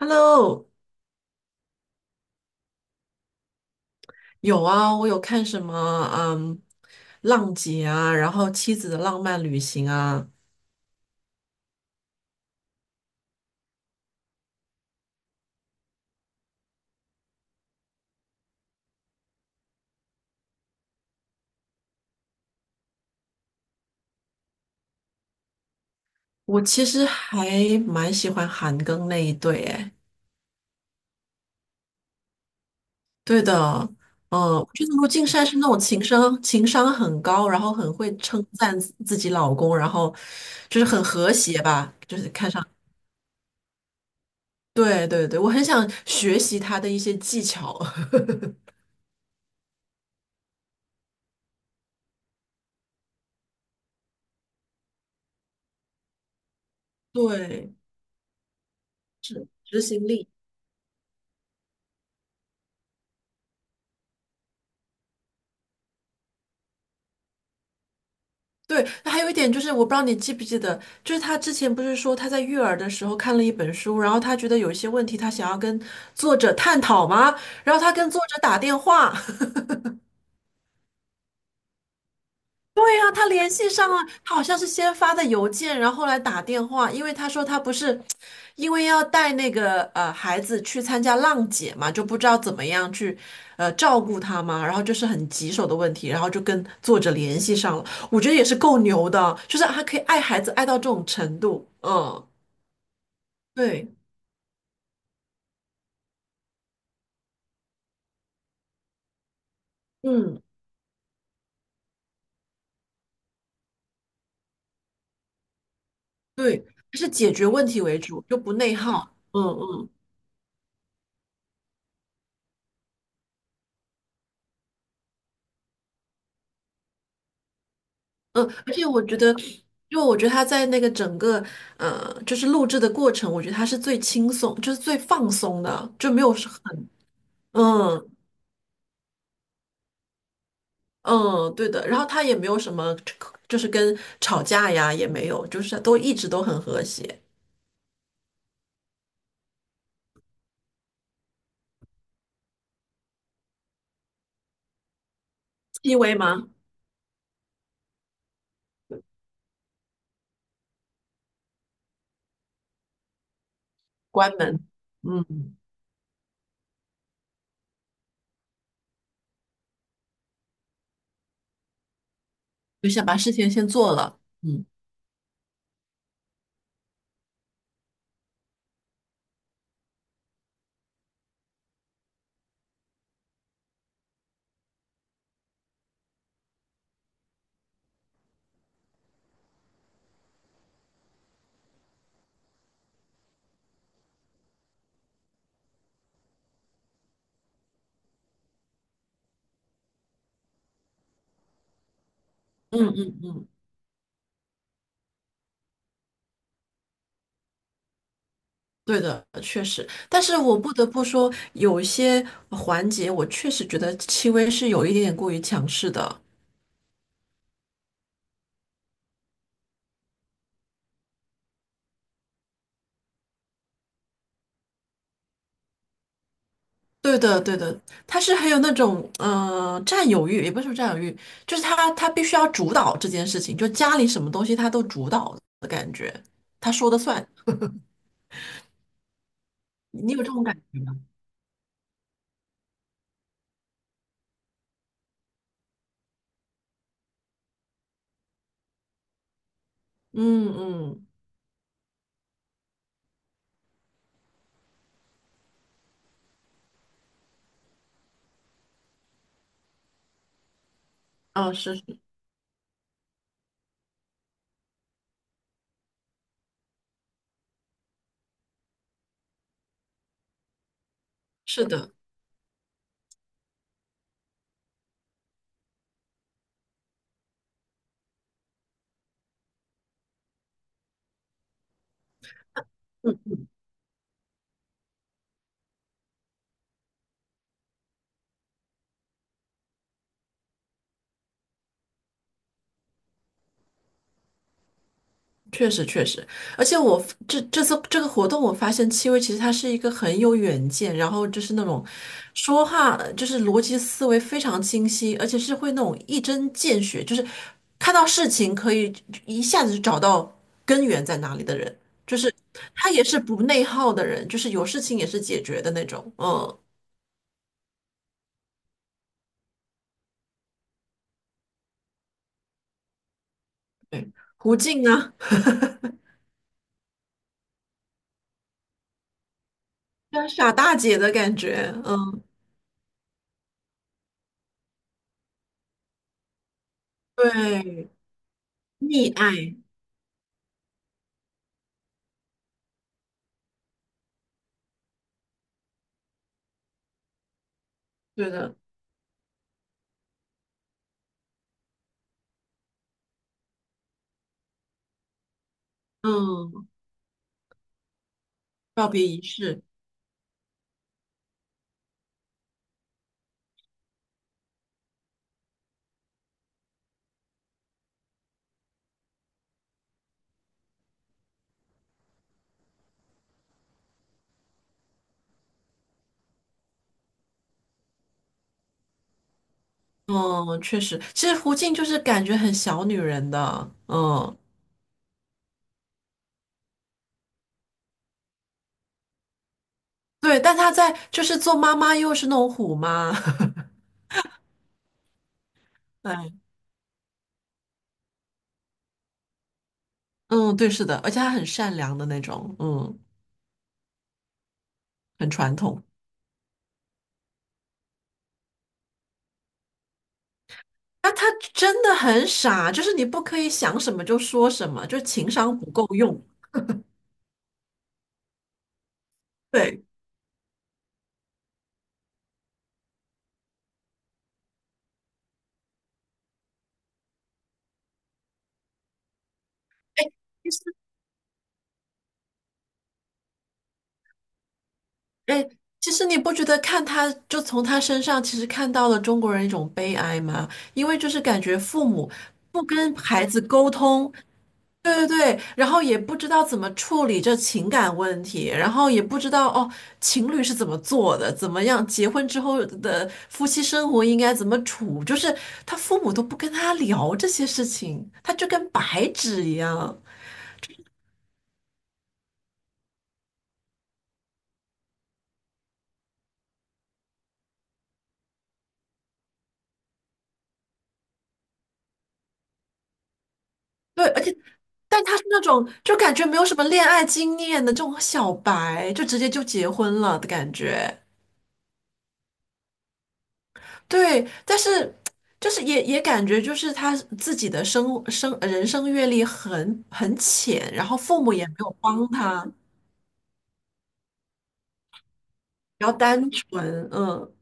Hello，有啊，我有看什么，嗯，浪姐啊，然后妻子的浪漫旅行啊。我其实还蛮喜欢韩庚那一对，哎，对的。嗯，我觉得卢靖姗是那种情商很高，然后很会称赞自己老公，然后就是很和谐吧，就是看上，对对对，我很想学习他的一些技巧。对，执行力。对，还有一点就是，我不知道你记不记得，就是他之前不是说他在育儿的时候看了一本书，然后他觉得有一些问题他想要跟作者探讨吗？然后他跟作者打电话，对呀、他联系上了。他好像是先发的邮件，然后后来打电话，因为他说他不是因为要带那个孩子去参加浪姐嘛，就不知道怎么样去照顾他嘛，然后就是很棘手的问题，然后就跟作者联系上了。我觉得也是够牛的，就是他可以爱孩子爱到这种程度，嗯，对。嗯，对，他是解决问题为主，就不内耗，嗯嗯。嗯，而且我觉得，因为我觉得他在那个整个就是录制的过程，我觉得他是最轻松，就是最放松的，就没有是很嗯嗯对的。然后他也没有什么，就是跟吵架呀也没有，就是都一直都很和谐。戚薇吗？关门。嗯，就想把事情先做了，嗯。嗯嗯，对的，确实，但是我不得不说，有一些环节我确实觉得戚薇是有一点点过于强势的。对的，对的，他是很有那种占有欲，也不是说占有欲，就是他必须要主导这件事情，就家里什么东西他都主导的感觉，他说的算。你有这种感觉嗯嗯。啊，是是是的，确实确实，而且我这次这个活动，我发现戚薇其实她是一个很有远见，然后就是那种说话就是逻辑思维非常清晰，而且是会那种一针见血，就是看到事情可以一下子就找到根源在哪里的人，就是她也是不内耗的人，就是有事情也是解决的那种。嗯，胡静啊，像傻大姐的感觉。嗯，对，溺爱，对的。嗯，告别仪式。嗯，确实，其实胡静就是感觉很小女人的。嗯，对，但她在就是做妈妈又是那种虎妈。哎，嗯，对，是的，而且她很善良的那种。嗯，很传统。那她真的很傻，就是你不可以想什么就说什么，就情商不够用。对，哎，其实，哎，其实你不觉得看她就从她身上其实看到了中国人一种悲哀吗？因为就是感觉父母不跟孩子沟通。对对对，然后也不知道怎么处理这情感问题，然后也不知道哦，情侣是怎么做的，怎么样结婚之后的夫妻生活应该怎么处，就是他父母都不跟他聊这些事情，他就跟白纸一样。对，而且但他是那种就感觉没有什么恋爱经验的这种小白，就直接就结婚了的感觉。对，但是就是也也感觉就是他自己的人生阅历很浅，然后父母也没有帮他，比较单纯，嗯。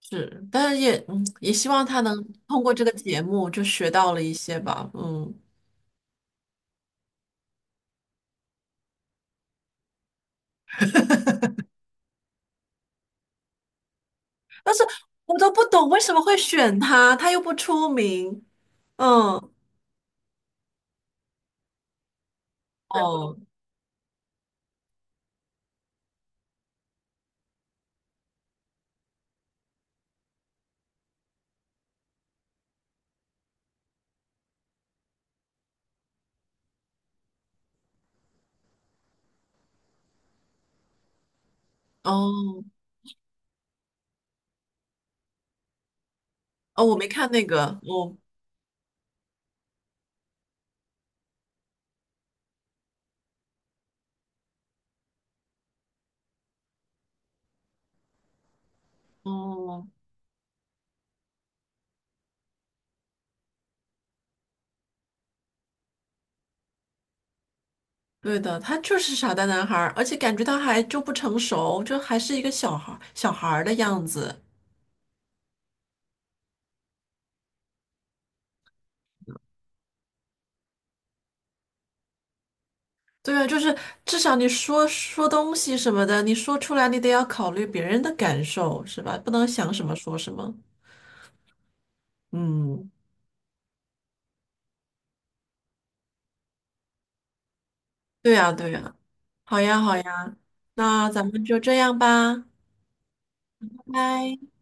是，但是也嗯也希望他能通过这个节目就学到了一些吧。嗯，但是我都不懂为什么会选他，他又不出名。嗯，哦哦哦，我没看那个，哦哦。对的，他就是傻蛋男孩儿，而且感觉他还就不成熟，就还是一个小孩儿的样子。对啊，就是至少你说说东西什么的，你说出来你得要考虑别人的感受，是吧？不能想什么说什么。嗯，对呀，对呀，好呀，好呀，那咱们就这样吧，拜拜。